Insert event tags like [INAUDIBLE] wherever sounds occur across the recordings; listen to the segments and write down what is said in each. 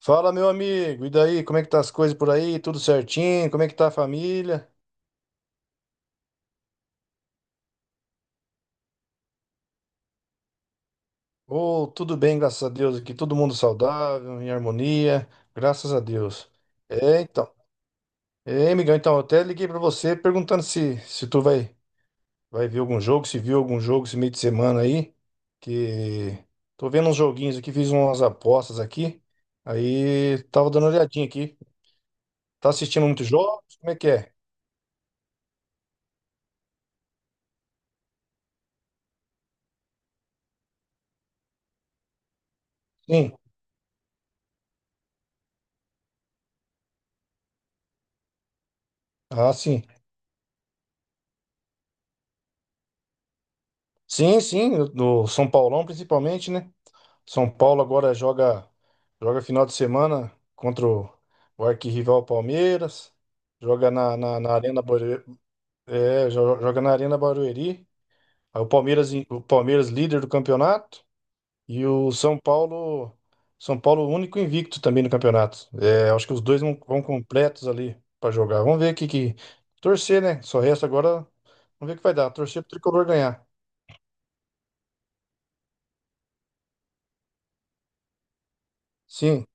Fala, meu amigo, e daí? Como é que tá as coisas por aí? Tudo certinho? Como é que tá a família? Ou tudo bem, graças a Deus, aqui todo mundo saudável, em harmonia, graças a Deus. É, então. É, amigão, então, eu até liguei pra você perguntando se tu vai ver algum jogo, se viu algum jogo esse meio de semana aí, que tô vendo uns joguinhos aqui, fiz umas apostas aqui. Aí tava dando uma olhadinha aqui. Tá assistindo muitos jogos? Como é que é? Sim. Ah, sim. Sim, sim, do São Paulão principalmente, né? São Paulo agora joga final de semana contra o arquirrival Palmeiras. Joga na Arena Barueri, joga na Arena Barueri. Aí o Palmeiras líder do campeonato e o São Paulo único invicto também no campeonato. É, acho que os dois vão completos ali para jogar. Vamos ver o que que torcer, né? Só resta agora vamos ver o que vai dar. Torcer pro tricolor ganhar. Sim.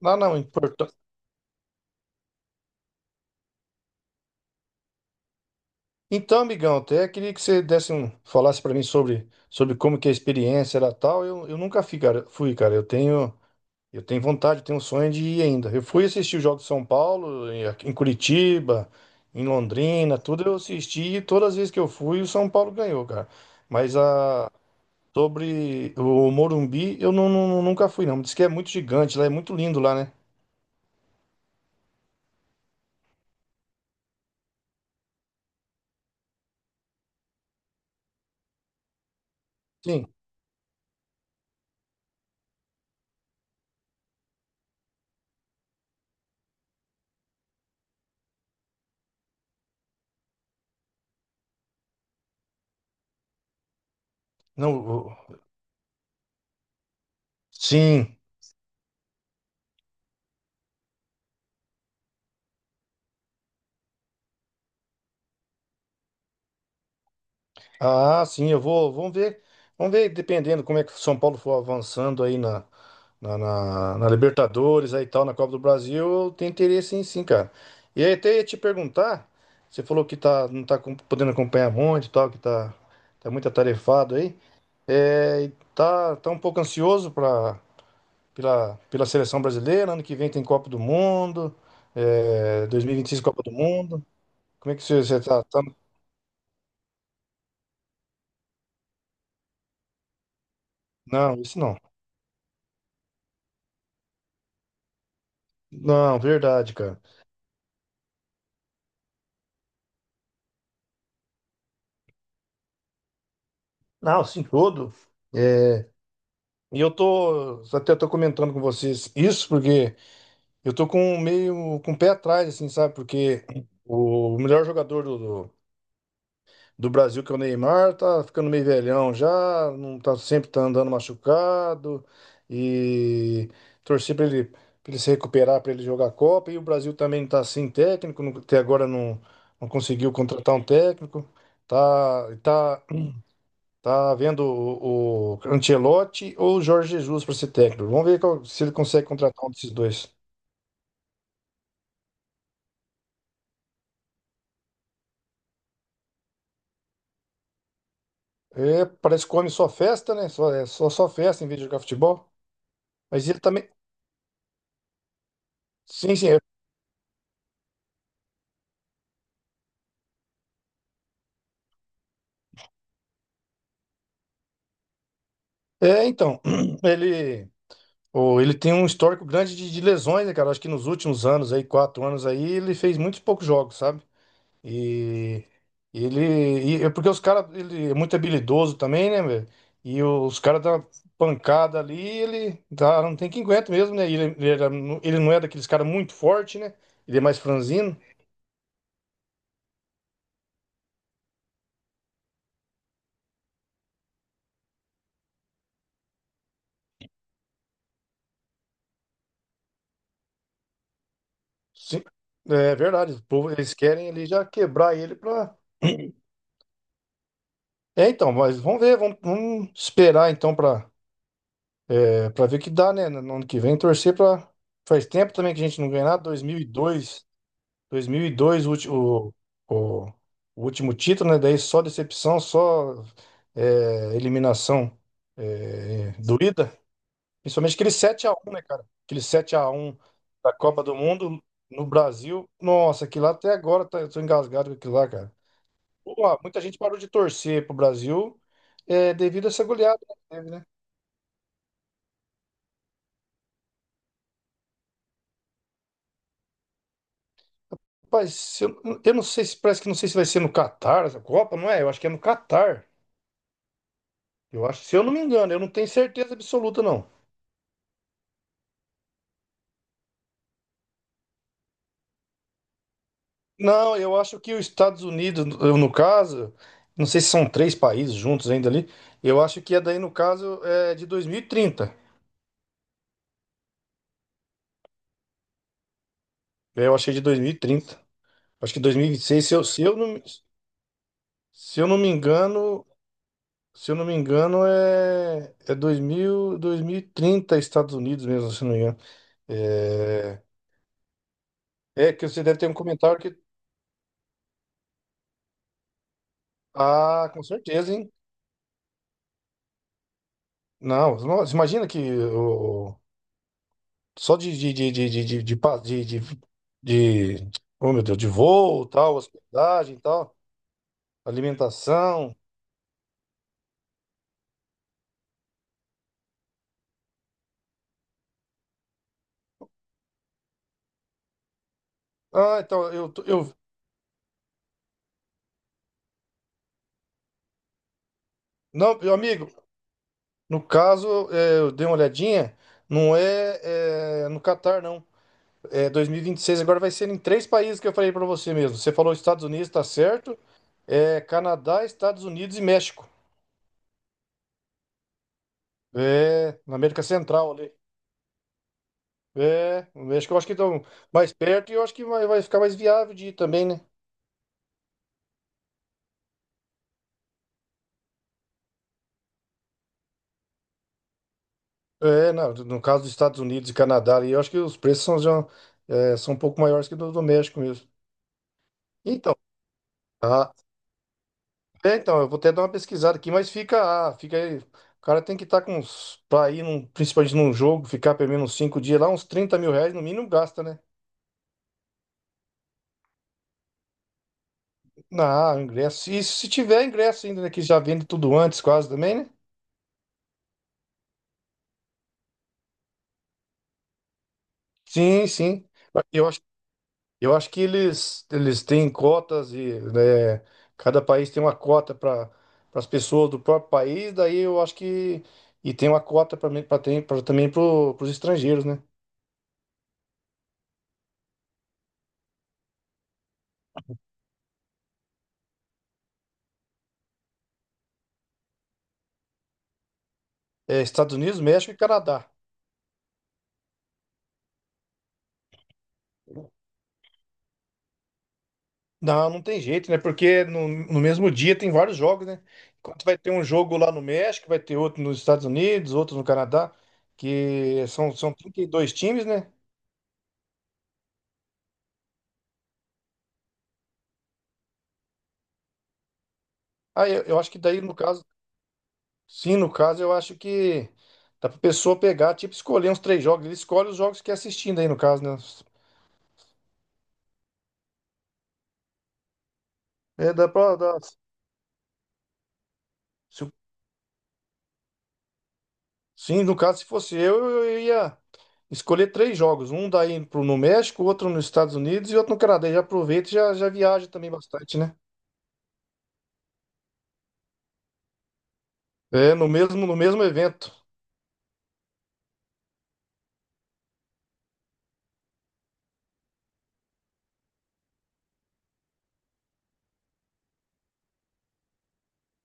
Não, não, importante. Então, amigão, até queria que você desse um, falasse para mim sobre, sobre como que é a experiência era tal. Eu nunca fui, cara. Fui, cara. Eu tenho vontade, eu tenho um sonho de ir ainda. Eu fui assistir o jogo de São Paulo, em aqui em Curitiba, em Londrina, tudo eu assisti e todas as vezes que eu fui, o São Paulo ganhou, cara. Mas a, sobre o Morumbi, eu não, não- nunca fui, não. Diz que é muito gigante lá, é muito lindo lá, né? Sim. Não, o- sim. Ah, sim, eu vou. Vamos ver. Vamos ver, dependendo como é que o São Paulo for avançando aí na Libertadores aí e tal, na Copa do Brasil, eu tenho interesse em sim, cara. E aí até ia te perguntar, você falou que tá, não podendo acompanhar muito e tal, tá muito atarefado aí. É, e tá um pouco ansioso pela seleção brasileira, ano que vem tem Copa do Mundo, é, 2026 Copa do Mundo. Como é que você tá, Não, isso não. Não, verdade, cara. Não, sim, todo. É, e eu tô, até tô comentando com vocês isso porque eu tô com meio com o pé atrás, assim, sabe? Porque o melhor jogador do Brasil, que é o Neymar, tá ficando meio velhão já, não tá sempre tá andando machucado e torcer para ele, pra ele se recuperar, para ele jogar a Copa. E o Brasil também tá sem técnico, até agora não conseguiu contratar um técnico. Tá, tá Tá vendo o Ancelotti ou o Jorge Jesus para ser técnico. Vamos ver se ele consegue contratar um desses dois. É, parece que come só festa, né? Só festa em vez de jogar futebol. Mas ele também. Sim, sim. É, então. [CLEARS THROAT] Ele, ele tem um histórico grande de lesões, né, cara? Acho que nos últimos anos aí, 4 anos aí, ele fez muitos poucos jogos, sabe? E ele. E é porque os caras. Ele é muito habilidoso também, né, velho? E os caras da pancada ali, ele dá, não tem quem aguenta mesmo, né? Ele não é daqueles caras muito forte, né? Ele é mais franzino. Sim, é verdade. O povo, eles querem ali já quebrar ele pra. É, então, mas vamos ver, vamos esperar então pra ver o que dá, né? No ano que vem, torcer pra. Faz tempo também que a gente não ganha nada, 2002. 2002, o, ulti- o- o último título, né? Daí só decepção, só eliminação doída. Principalmente aquele 7-1 né, cara? Aquele 7-1 da Copa do Mundo no Brasil. Nossa, aquilo lá até agora eu tô engasgado com aquilo lá, cara. Pô, ah, muita gente parou de torcer pro Brasil devido a essa goleada que teve, né? Rapaz, se eu, eu não sei se parece que não sei se vai ser no Catar essa Copa, não é? Eu acho que é no Catar. Eu acho, se eu não me engano, eu não tenho certeza absoluta, não. Não, eu acho que os Estados Unidos, eu, no caso, não sei se são três países juntos ainda ali, eu acho que é daí, no caso, é de 2030. Eu achei de 2030. Acho que 2026 se eu não me engano, se eu não me engano, é 2030 Estados Unidos mesmo, se eu não me engano. É, é que você deve ter um comentário que... Ah, com certeza, hein? Não, nossa, imagina que... Só de- oh meu Deus, de voo, tal, hospedagem, tal, alimentação. Ah, então, não, meu amigo, no caso, eu dei uma olhadinha, não é, no Catar, não. É dois mil e vinte e seis agora vai ser em três países que eu falei pra você mesmo. Você falou Estados Unidos, tá certo? É Canadá, Estados Unidos e México. É, na América Central ali. É, o México eu acho que estão mais perto e eu acho que vai ficar mais viável de ir também, né? É, não, no caso dos Estados Unidos e Canadá, ali, eu acho que os preços são um pouco maiores que do México mesmo. Então, ah, então, eu vou até dar uma pesquisada aqui, mas fica, ah, fica aí. O cara tem que estar com uns, pra ir num, principalmente num jogo, ficar pelo menos uns 5 dias lá, uns R$ 30.000 no mínimo gasta, né? Ah, o ingresso. E se tiver ingresso ainda, né, que já vende tudo antes quase também, né? Sim, sim. Eu Eu acho que eles têm cotas e né, cada país tem uma cota para as pessoas do próprio país, daí eu acho que e tem uma cota para também para os estrangeiros, né? É, Estados Unidos, México e Canadá. Não, não tem jeito, né? Porque no mesmo dia tem vários jogos, né? Enquanto vai ter um jogo lá no México, vai ter outro nos Estados Unidos, outro no Canadá, que são 32 times, né? Ah, eu acho que daí, no caso, sim, no caso, eu acho que dá pra pessoa pegar, tipo, escolher uns três jogos. Ele escolhe os jogos que é assistindo aí, no caso, né? É, dá pra. Dá- se- sim, no caso, se fosse eu ia escolher três jogos. Um daí pro, no México, outro nos Estados Unidos e outro no Canadá. E já aproveita e já viaja também bastante, né? É, no mesmo evento.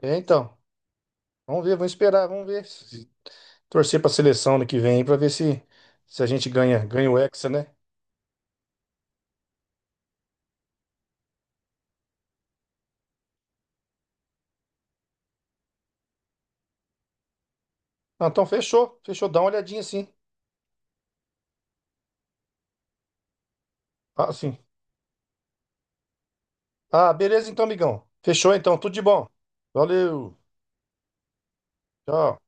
É, então. Vamos ver, vamos esperar, vamos ver. Torcer pra seleção ano que vem aí pra ver se a gente ganha o Hexa, né? Ah, então fechou, fechou. Dá uma olhadinha sim. Ah, sim. Ah, beleza então, amigão. Fechou então, tudo de bom. Valeu. Tchau.